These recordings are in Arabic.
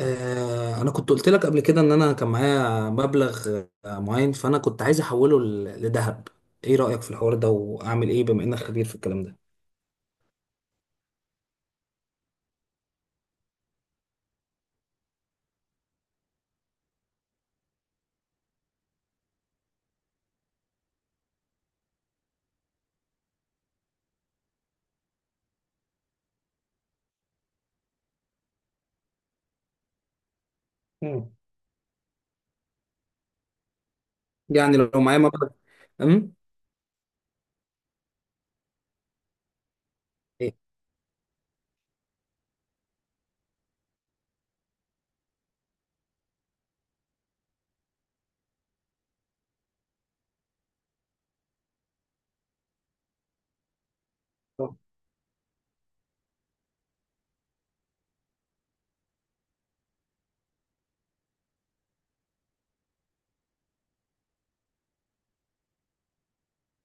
انا كنت قلت لك قبل كده ان انا كان معايا مبلغ معين، فانا كنت عايز احوله لذهب. ايه رأيك في الحوار ده؟ واعمل ايه بما انك خبير في الكلام ده؟ مم. يعني لو معايا مبلغ. امم ايه؟ آه،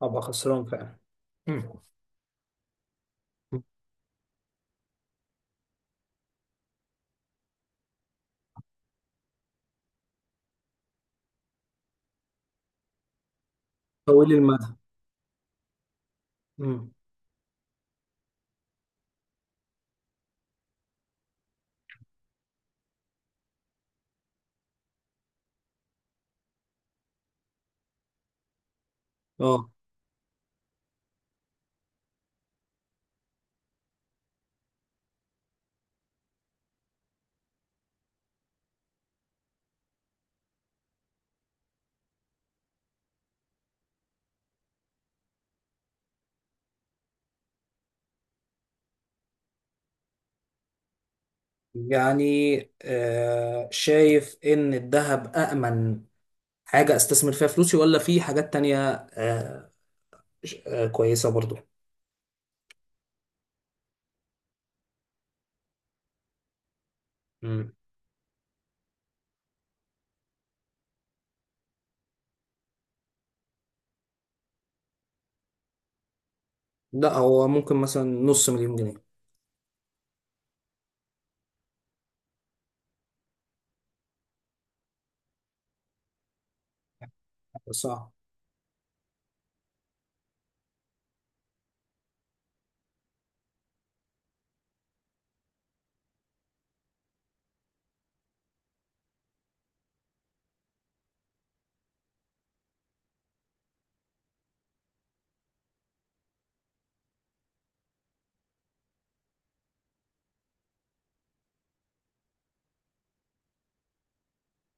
ابقى خسران فعلا. مم. طويل المدى. امم اه. يعني، شايف ان الذهب أأمن حاجة استثمر فيها فلوسي ولا في حاجات تانية، كويسة برضو. امم لا، هو ممكن مثلا نص مليون جنيه. صح.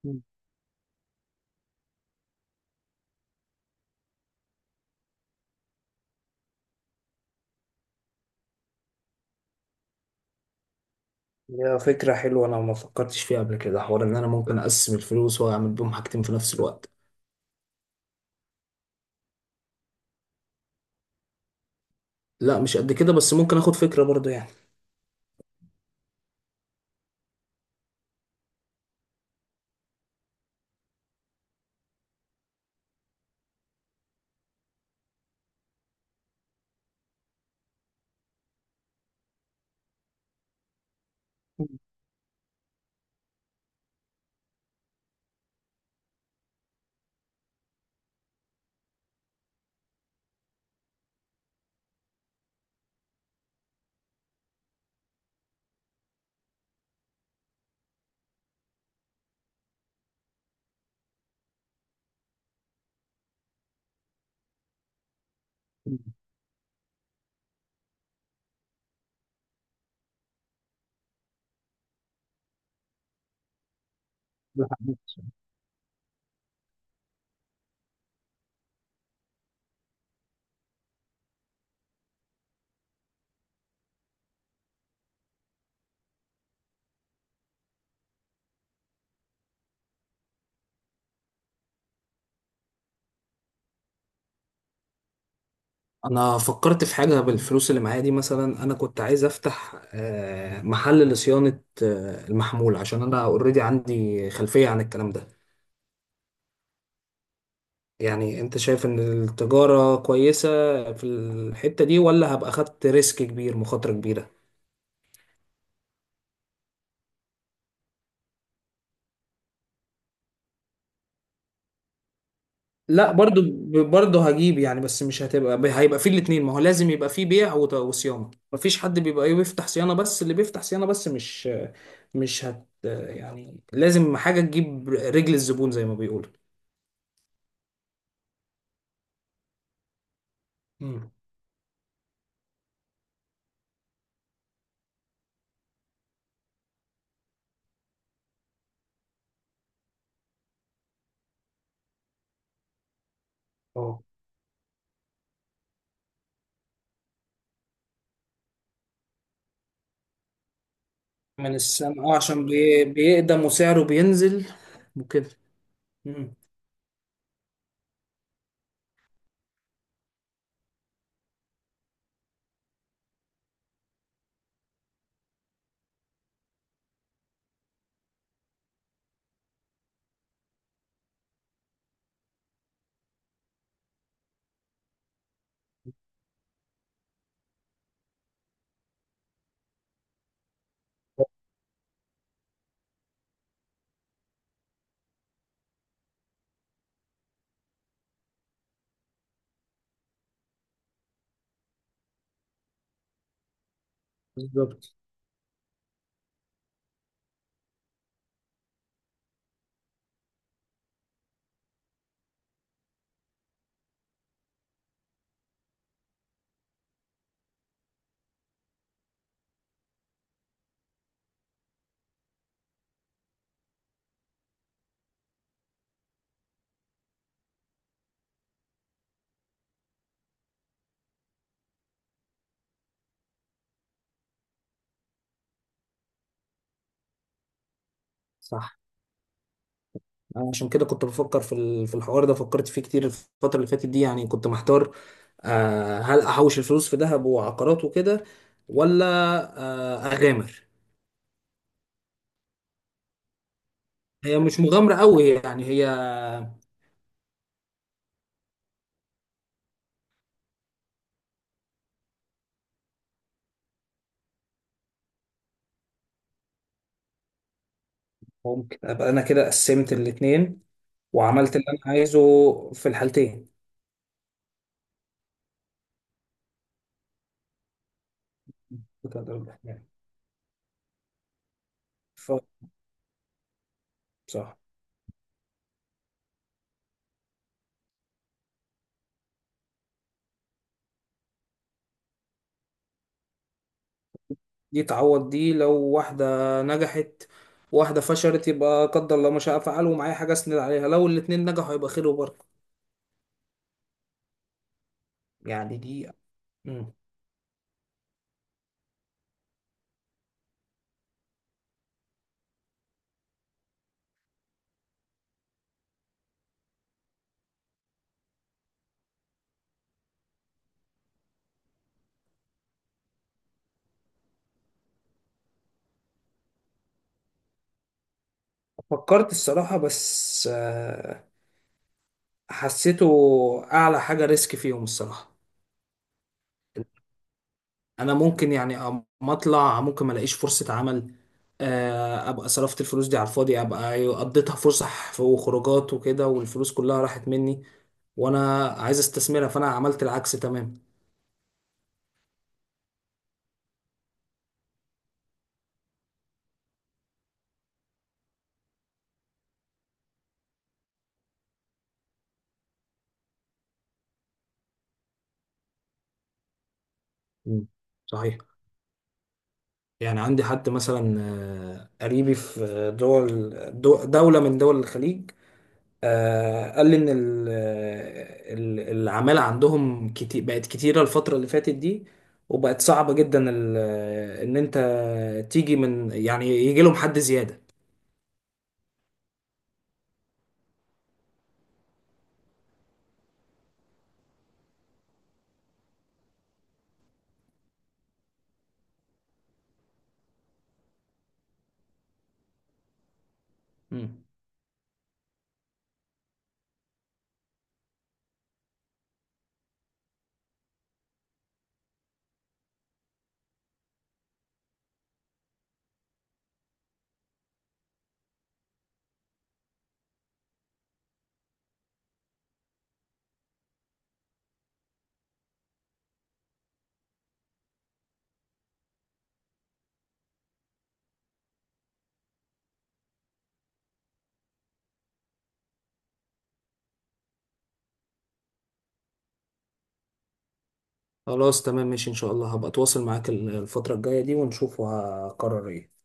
مم. هي فكرة حلوة، أنا ما فكرتش فيها قبل كده، حوار إن أنا ممكن أقسم الفلوس وأعمل بيهم حاجتين في نفس الوقت. لا مش قد كده، بس ممكن آخد فكرة برضو يعني. مم. ده حقيقي. أنا فكرت في حاجة بالفلوس اللي معايا دي، مثلا أنا كنت عايز أفتح محل لصيانة المحمول، عشان أنا أوريدي عندي خلفية عن الكلام ده. يعني أنت شايف إن التجارة كويسة في الحتة دي، ولا هبقى خدت ريسك كبير، مخاطرة كبيرة؟ لا برضو. برضو هجيب يعني، بس مش هتبقى هيبقى فيه الاتنين، ما هو لازم يبقى فيه بيع وصيانة. مفيش حد بيبقى ايه بيفتح صيانة بس، اللي بيفتح صيانة بس مش مش هت يعني لازم حاجة تجيب رجل الزبون زي ما بيقولوا. امم اه، من السماء. اه، عشان بيقدم وسعره بينزل وكده. مم. بالظبط. صح. أنا عشان كده كنت بفكر في في الحوار ده، فكرت فيه كتير الفترة اللي فاتت دي يعني، كنت محتار، هل أحوش الفلوس في ذهب وعقارات وكده، ولا أغامر؟ هي مش مغامرة قوي يعني، هي ممكن أبقى أنا كده قسمت الاتنين وعملت اللي أنا عايزه في الحالتين. ف- صح. دي تعوض دي، لو واحدة نجحت واحدة فشلت يبقى قدر الله ما شاء فعل ومعايا حاجة أسند عليها، لو الاتنين نجحوا يبقى خير وبركة. يعني دي. مم. فكرت الصراحة، بس حسيته أعلى حاجة ريسك فيهم الصراحة. أنا ممكن يعني أما أطلع ممكن ما ألاقيش فرصة عمل، أبقى صرفت الفلوس دي على الفاضي، أبقى قضيتها فسح وخروجات وكده والفلوس كلها راحت مني، وأنا عايز استثمرها، فأنا عملت العكس تمام. مم. صحيح. يعني عندي حد مثلا قريبي في دول دولة من دول الخليج، قال لي ان العمالة عندهم كتير بقت كتيرة الفترة اللي فاتت دي، وبقت صعبة جدا ان انت تيجي من يعني يجي لهم حد زيادة. مم. خلاص تمام ماشي، ان شاء الله هبقى اتواصل معاك الفترة الجاية دي ونشوف وهقرر ايه.